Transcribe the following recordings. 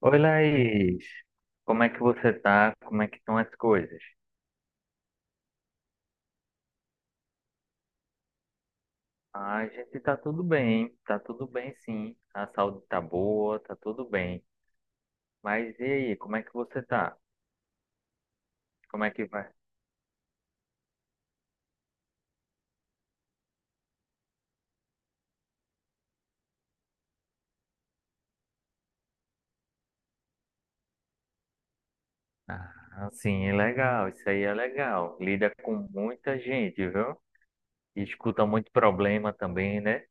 Oi, Laís. Como é que você tá? Como é que estão as coisas? A gente tá tudo bem sim. A saúde tá boa, tá tudo bem. Mas e aí, como é que você tá? Como é que vai? Ah, sim, é legal, isso aí é legal. Lida com muita gente, viu? E escuta muito problema também, né?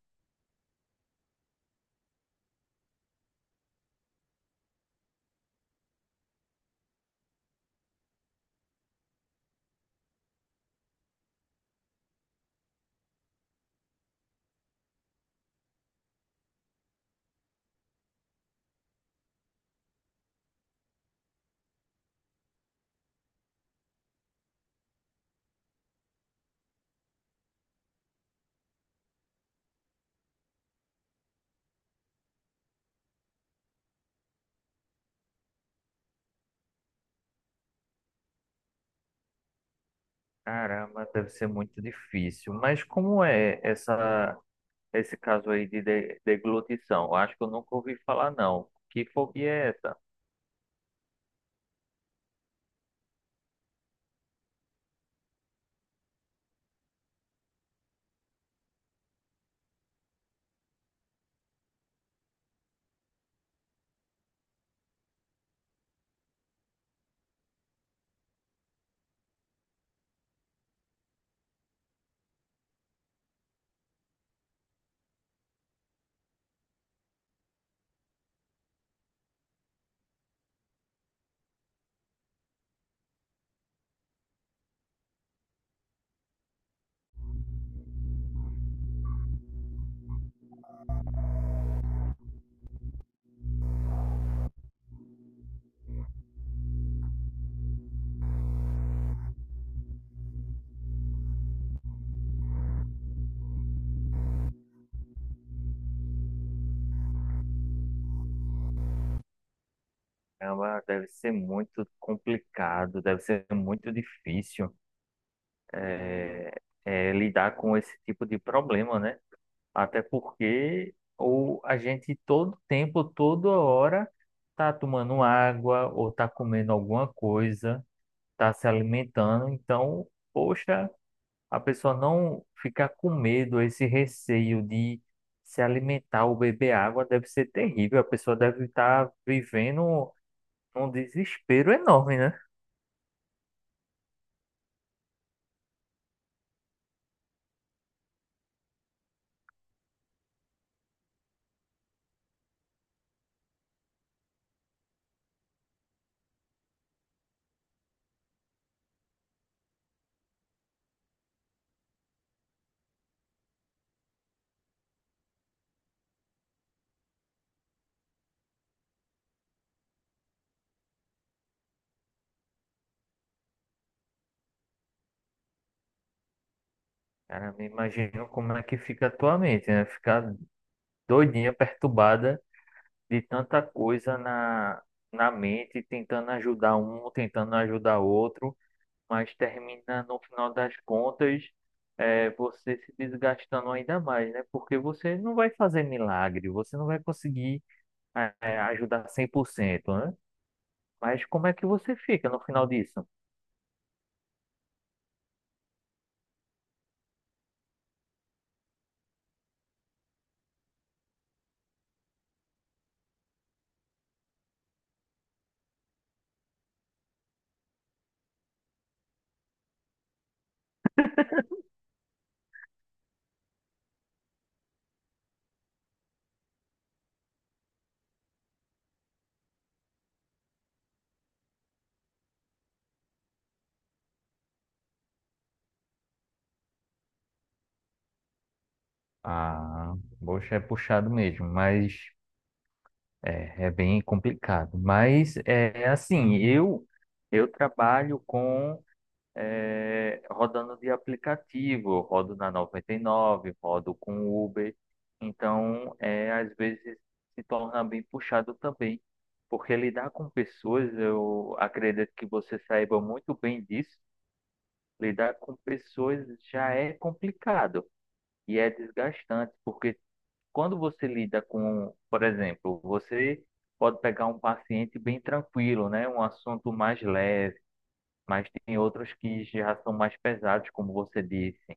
Caramba, deve ser muito difícil. Mas como é esse caso aí de deglutição? Eu acho que eu nunca ouvi falar, não. Que fobia é essa? Caramba, deve ser muito complicado, deve ser muito difícil é, lidar com esse tipo de problema, né? Até porque ou a gente todo tempo, toda hora, tá tomando água ou tá comendo alguma coisa, tá se alimentando. Então, poxa, a pessoa não ficar com medo, esse receio de se alimentar ou beber água deve ser terrível. A pessoa deve estar vivendo um desespero enorme, né? Cara, me imagino como é que fica a tua mente, né? Ficar doidinha, perturbada de tanta coisa na mente, tentando ajudar um, tentando ajudar outro, mas termina, no final das contas, você se desgastando ainda mais, né? Porque você não vai fazer milagre, você não vai conseguir, ajudar 100%, né? Mas como é que você fica no final disso? Ah, poxa, é puxado mesmo, mas é, é bem complicado, mas é assim, eu trabalho com rodando de aplicativo, eu rodo na 99, rodo com Uber, então é, às vezes se torna bem puxado também, porque lidar com pessoas, eu acredito que você saiba muito bem disso, lidar com pessoas já é complicado e é desgastante, porque quando você lida com, por exemplo, você pode pegar um paciente bem tranquilo, né? Um assunto mais leve, mas tem outros que já são mais pesados, como você disse.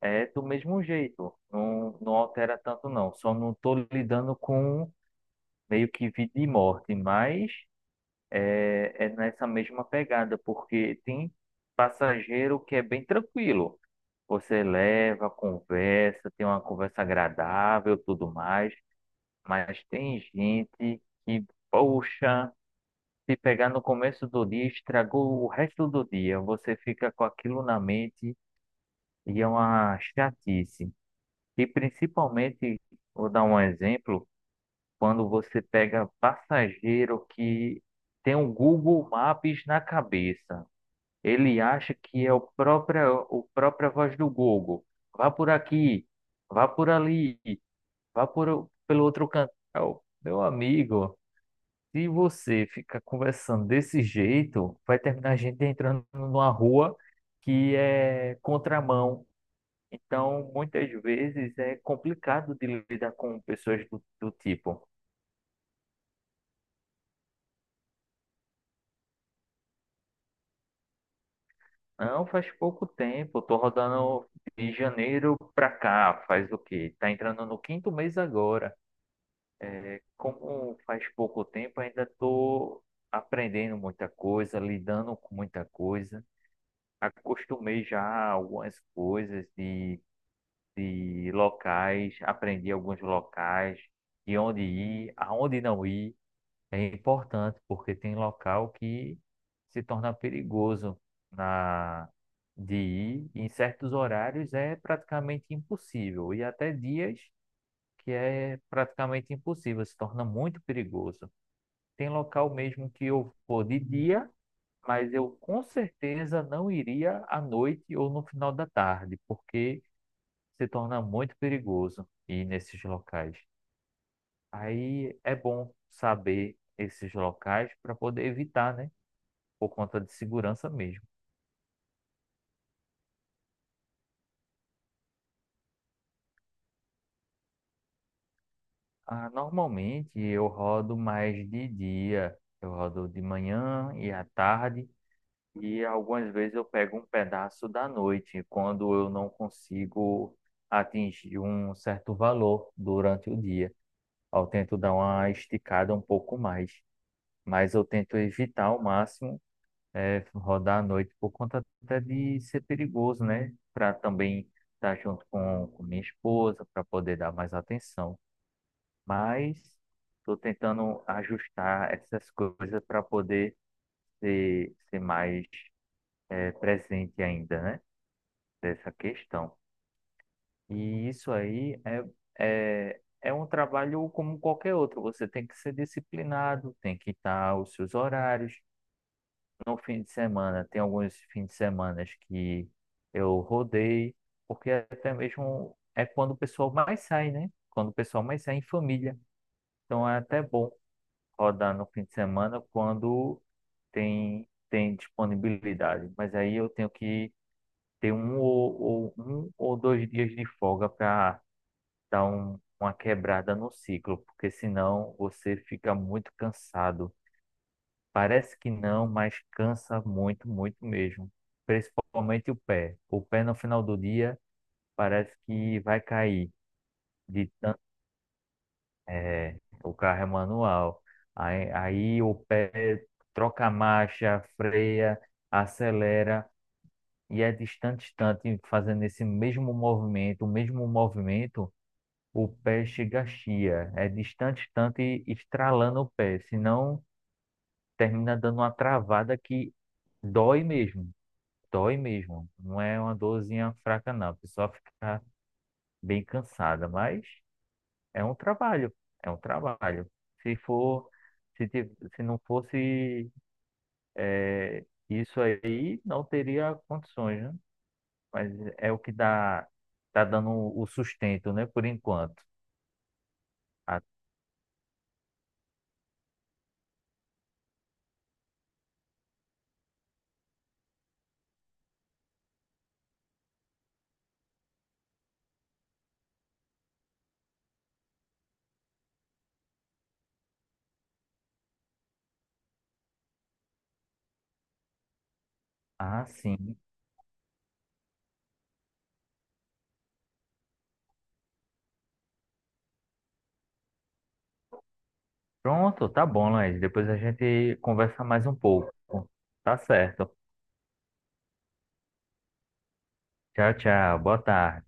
É do mesmo jeito, não altera tanto não. Só não estou lidando com meio que vida e morte, mas é, é nessa mesma pegada, porque tem passageiro que é bem tranquilo. Você leva, conversa, tem uma conversa agradável, tudo mais. Mas tem gente que, poxa, se pegar no começo do dia, estragou o resto do dia. Você fica com aquilo na mente e é uma chatice. E principalmente, vou dar um exemplo, quando você pega passageiro que tem o Google Maps na cabeça. Ele acha que é o próprio, o própria voz do Google. Vá por aqui, vá por ali, vá pelo outro canto. Meu amigo. Se você ficar conversando desse jeito, vai terminar a gente entrando numa rua que é contramão. Então, muitas vezes é complicado de lidar com pessoas do tipo. Não, faz pouco tempo, tô rodando de janeiro pra cá, faz o quê? Tá entrando no quinto mês agora. É, como faz pouco tempo, ainda tô aprendendo muita coisa, lidando com muita coisa, acostumei já algumas coisas de locais, aprendi alguns locais, de onde ir, aonde não ir. É importante, porque tem local que se torna perigoso na de ir. Em certos horários é praticamente impossível, e até dias que é praticamente impossível, se torna muito perigoso. Tem local mesmo que eu vou de dia, mas eu com certeza não iria à noite ou no final da tarde, porque se torna muito perigoso ir nesses locais. Aí é bom saber esses locais para poder evitar, né? Por conta de segurança mesmo. Ah, normalmente eu rodo mais de dia, eu rodo de manhã e à tarde, e algumas vezes eu pego um pedaço da noite, quando eu não consigo atingir um certo valor durante o dia. Eu tento dar uma esticada um pouco mais, mas eu tento evitar ao máximo rodar à noite, por conta até de ser perigoso, né? Para também estar junto com minha esposa, para poder dar mais atenção. Mas estou tentando ajustar essas coisas para poder ser mais presente ainda, né? Dessa questão. E isso aí é um trabalho como qualquer outro. Você tem que ser disciplinado, tem que estar os seus horários, no fim de semana. Tem alguns fins de semana que eu rodei, porque até mesmo é quando o pessoal mais sai, né? Quando o pessoal mais sai em família. Então é até bom rodar no fim de semana quando tem disponibilidade. Mas aí eu tenho que ter um um ou dois dias de folga para dar uma quebrada no ciclo, porque senão você fica muito cansado. Parece que não, mas cansa muito, muito mesmo. Principalmente o pé. O pé no final do dia parece que vai cair de tanto. É, o carro é manual. Aí o pé troca a marcha, freia, acelera e é distante, distante, fazendo esse mesmo movimento, o pé chega a chia. É distante, distante, estralando o pé, senão termina dando uma travada que dói mesmo. Dói mesmo. Não é uma dorzinha fraca, não. A pessoa fica bem cansada, mas é um trabalho. É um trabalho. Se for, se não fosse isso aí, não teria condições, né? Mas é o que dá, tá dando o sustento, né? Por enquanto. Ah, ah, sim. Pronto, tá bom, Laís. Depois a gente conversa mais um pouco. Tá certo. Tchau, tchau. Boa tarde.